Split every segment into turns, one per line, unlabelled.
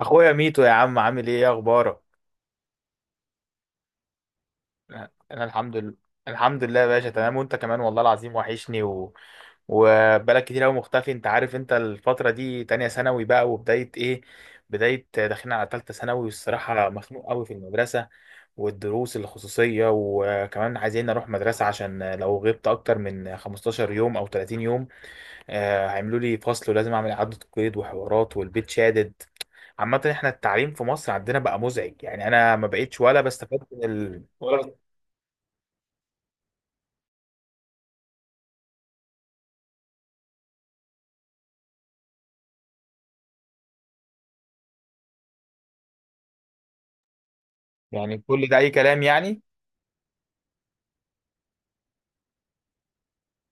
اخويا ميتو يا عم عامل ايه اخبارك. انا الحمد لله، الحمد لله يا باشا، تمام. وانت كمان والله العظيم وحشني وبقالك كتير قوي مختفي. انت عارف انت الفترة دي تانية ثانوي بقى، وبداية ايه بداية داخلين على تالتة ثانوي، والصراحة مخنوق قوي في المدرسة والدروس الخصوصية، وكمان عايزين نروح مدرسة عشان لو غبت اكتر من 15 يوم او 30 يوم، هيعملوا لي فصل، ولازم اعمل اعاده قيد وحوارات، والبيت شادد. عامه احنا التعليم في مصر عندنا بقى مزعج، يعني انا ما بقتش ولا بستفاد من ولا. يعني كل ده اي كلام يعني.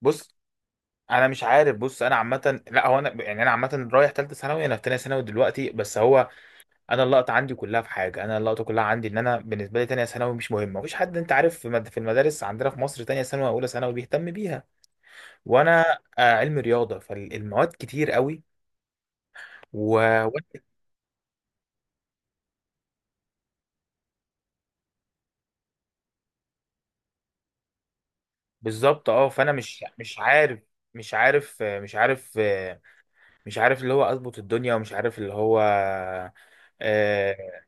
بص، انا مش عارف. بص انا عامه، لا، هو انا يعني، عامه رايح ثالثه ثانوي، انا في ثانيه ثانوي دلوقتي، بس هو انا اللقطه كلها عندي ان انا بالنسبه لي ثانيه ثانوي مش مهمه. مفيش حد انت عارف في المدارس عندنا في مصر ثانيه ثانوي واولى ثانوي بيهتم بيها. وانا علم رياضه، فالمواد كتير قوي و... بالظبط. اه فانا مش عارف، مش عارف مش عارف مش عارف اللي هو اظبط الدنيا، ومش عارف اللي هو آه،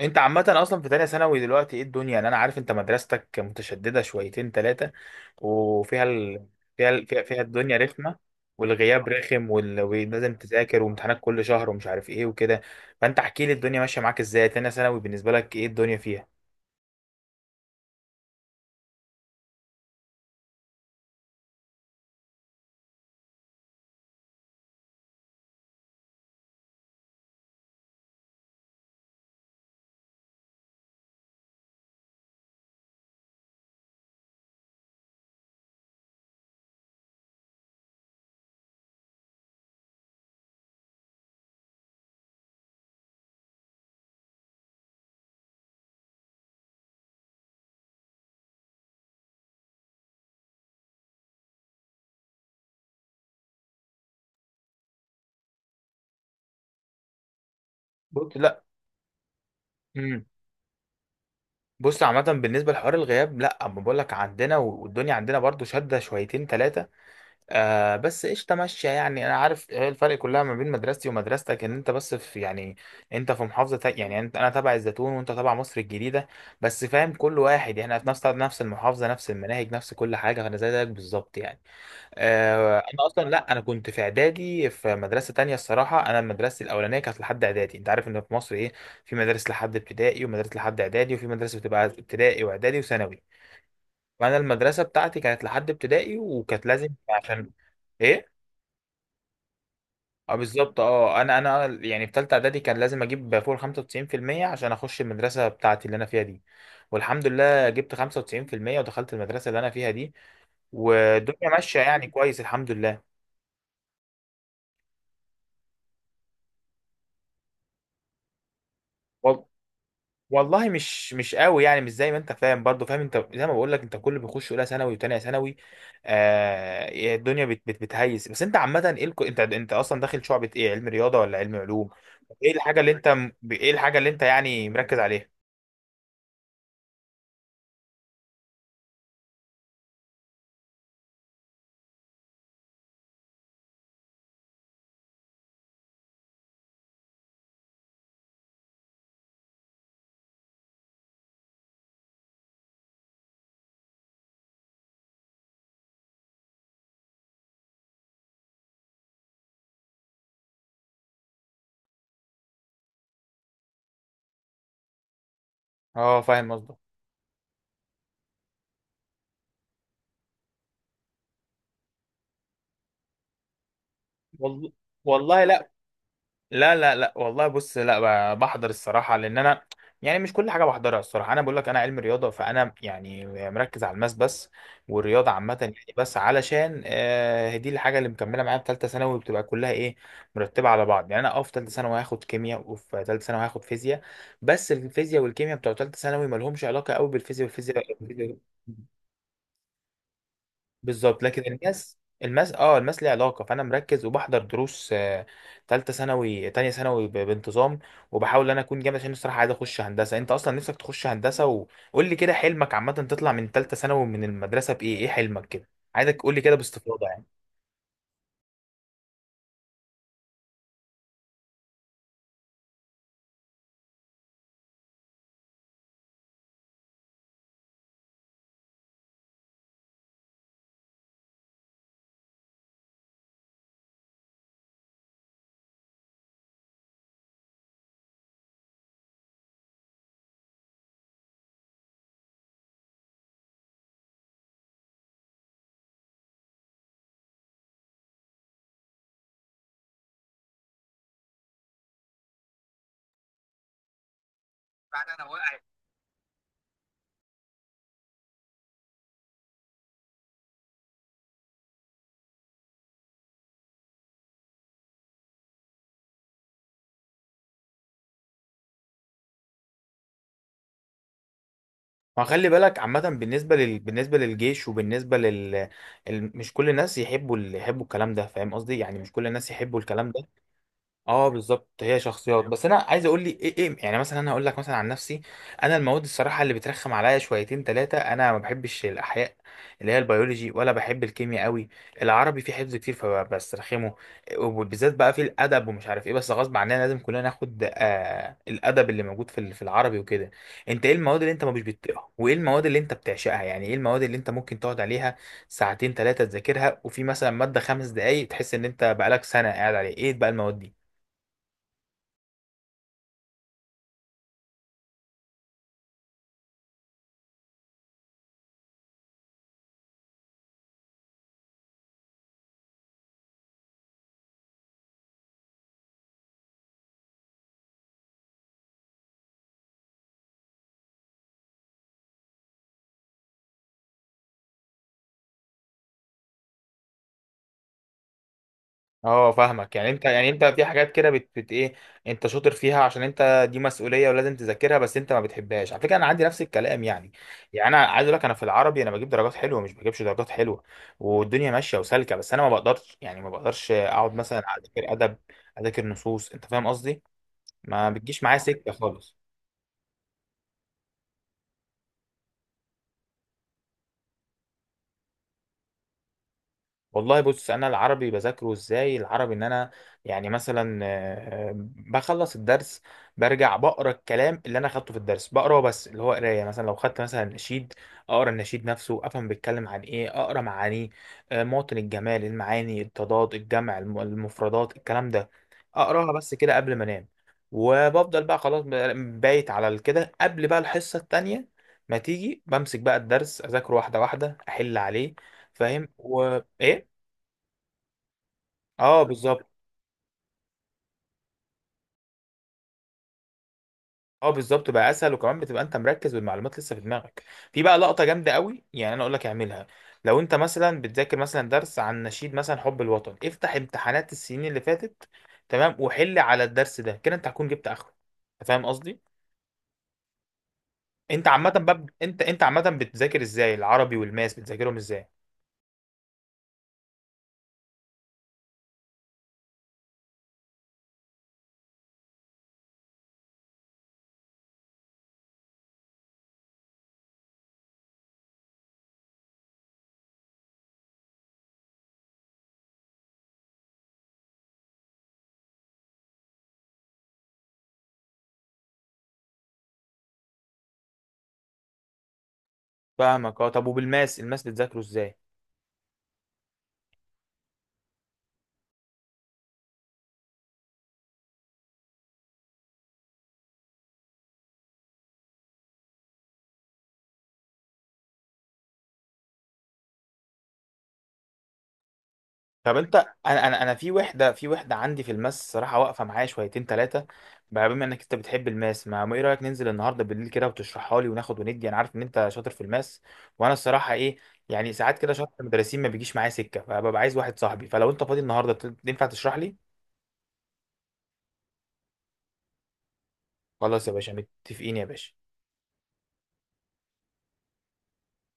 انت عامه اصلا في تانية ثانوي دلوقتي ايه الدنيا؟ يعني انا عارف انت مدرستك متشدده شويتين ثلاثه، وفيها ال... فيها ال... فيها فيها الدنيا رخمه، والغياب رخم، ولازم تذاكر، وامتحانات كل شهر، ومش عارف ايه وكده. فانت احكي لي الدنيا ماشيه معاك ازاي تانية ثانوي، بالنسبه لك ايه الدنيا فيها؟ لا، بص عامة بالنسبة لحوار الغياب، لا، اما بقول لك عندنا والدنيا عندنا برضو شادة شويتين ثلاثة، آه، بس قشطة ماشية يعني. انا عارف هي الفرق كلها ما بين مدرستي ومدرستك ان انت بس في يعني، انت في محافظة يعني انا تبع الزيتون وانت تبع مصر الجديدة بس، فاهم؟ كل واحد يعني احنا في نفس المحافظة، نفس المناهج، نفس كل حاجة، فانا زي زيك بالظبط يعني. انا اصلا لا، انا كنت في اعدادي في مدرسه تانية. الصراحه انا مدرستي الاولانيه كانت لحد اعدادي. انت عارف ان في مصر ايه؟ في مدارس لحد ابتدائي، ومدارس لحد اعدادي، وفي مدرسه بتبقى ابتدائي واعدادي وثانوي. فانا المدرسه بتاعتي كانت لحد ابتدائي، وكانت لازم عشان ايه. اه بالظبط، اه، انا يعني في ثالثه اعدادي كان لازم اجيب فوق ال 95% عشان اخش المدرسه بتاعتي اللي انا فيها دي، والحمد لله جبت 95% ودخلت المدرسه اللي انا فيها دي، والدنيا ماشيه يعني كويس، الحمد لله. والله مش، مش قوي يعني، مش زي ما انت فاهم برضو. فاهم، انت زي ما بقول لك، انت كل بيخش اولى ثانوي وتانية ثانوي آه الدنيا بت بت بتهيس. بس انت عامه ايه الك... انت انت اصلا داخل شعبة ايه، علم رياضه ولا علم علوم؟ ايه الحاجه اللي انت يعني مركز عليها؟ اه فاهم قصدك. والله والله لا، لا، لا، لا والله. بص، لا، بحضر الصراحة، لأن أنا يعني مش كل حاجة بحضرها. الصراحة أنا بقول لك أنا علم رياضة، فأنا يعني مركز على الماس بس، والرياضة عامة يعني. بس علشان آه دي الحاجة اللي مكملة معايا، في تالتة ثانوي بتبقى كلها إيه، مرتبة على بعض يعني. أنا أه في تالتة ثانوي هاخد كيمياء، وفي تالتة ثانوي هاخد فيزياء، بس الفيزياء والكيمياء بتوع تالتة ثانوي مالهمش علاقة قوي بالفيزياء والفيزياء. بالظبط، لكن الماس، الماس ليه علاقه، فانا مركز وبحضر دروس تالتة ثانوي تانية ثانوي بانتظام، وبحاول ان انا اكون جامد، عشان الصراحه عايز اخش هندسه. انت اصلا نفسك تخش هندسه؟ وقول لي كده حلمك عامه، تطلع من تالتة ثانوي من المدرسه بايه، ايه حلمك كده؟ عايزك تقول لي كده باستفاضه يعني. ما خلي بالك عامه، بالنسبه لل... بالنسبه للجيش وبالنسبه لل ال... مش كل الناس يحبوا ال... يحبوا الكلام ده، فاهم قصدي يعني؟ مش كل الناس يحبوا الكلام ده. اه بالظبط، هي شخصيات. بس انا عايز اقول لي ايه، ايه يعني. مثلا انا هقول لك مثلا عن نفسي، انا المواد الصراحه اللي بترخم عليا شويتين ثلاثه، انا ما بحبش الاحياء اللي هي البيولوجي، ولا بحب الكيمياء قوي. العربي فيه حفظ كتير فبسترخمه، وبالذات بقى في الادب ومش عارف ايه. بس غصب عننا لازم كلنا ناخد آه الادب اللي موجود في العربي وكده. انت ايه المواد اللي انت ما مش بتطيقها، وايه المواد اللي انت بتعشقها؟ يعني ايه المواد اللي انت ممكن تقعد عليها ساعتين ثلاثه تذاكرها، وفي مثلا ماده خمس دقايق تحس ان انت بقالك سنه قاعد عليه؟ ايه بقى المواد دي؟ اه فاهمك. يعني انت يعني انت في حاجات كده بت, بت ايه، انت شاطر فيها عشان انت دي مسؤوليه ولازم تذاكرها، بس انت ما بتحبهاش. على فكره انا عندي نفس الكلام يعني. يعني انا عايز اقول لك، انا في العربي انا بجيب درجات حلوه مش بجيبش درجات حلوه، والدنيا ماشيه وسالكه، بس انا ما بقدرش يعني، ما بقدرش اقعد مثلا اذاكر ادب، اذاكر نصوص. انت فاهم قصدي؟ ما بتجيش معايا سكه خالص. والله بص، انا العربي بذاكره ازاي؟ العربي ان انا يعني مثلا، بخلص الدرس، برجع بقرا الكلام اللي انا اخدته في الدرس، بقراه بس اللي هو قرايه. مثلا لو خدت مثلا نشيد، اقرا النشيد نفسه، افهم بيتكلم عن ايه، اقرا معانيه، مواطن الجمال، المعاني، التضاد، الجمع، المفردات، الكلام ده. اقراها بس كده قبل ما انام، وبفضل بقى خلاص بايت على كده. قبل بقى الحصه التانيه ما تيجي، بمسك بقى الدرس اذاكره واحده واحده، احل عليه. فاهم و ايه؟ اه بالظبط، اه بالظبط بقى اسهل، وكمان بتبقى انت مركز والمعلومات لسه في دماغك. في بقى لقطه جامده قوي يعني، انا اقول لك اعملها. لو انت مثلا بتذاكر مثلا درس عن نشيد، مثلا حب الوطن، افتح امتحانات السنين اللي فاتت، تمام، وحل على الدرس ده. كده انت هتكون جبت اخره. أنت فاهم قصدي؟ انت عامه بقى، انت عامه بتذاكر ازاي العربي، والماس بتذاكرهم ازاي؟ فاهمك. اه طب، وبالماس، الماس بتذاكره ازاي؟ طب انت، انا في وحده، عندي في الماس صراحه واقفه معايا شويتين ثلاثه بقى، بما انك انت بتحب الماس ما ما ايه رايك ننزل النهارده بالليل كده وتشرحها لي، وناخد وندي. انا عارف ان انت شاطر في الماس، وانا الصراحه ايه، يعني ساعات كده شرح المدرسين ما بيجيش معايا سكه، فببقى عايز واحد صاحبي. فلو انت فاضي النهارده، ينفع تشرح لي؟ خلاص يا باشا، متفقين يا باشا.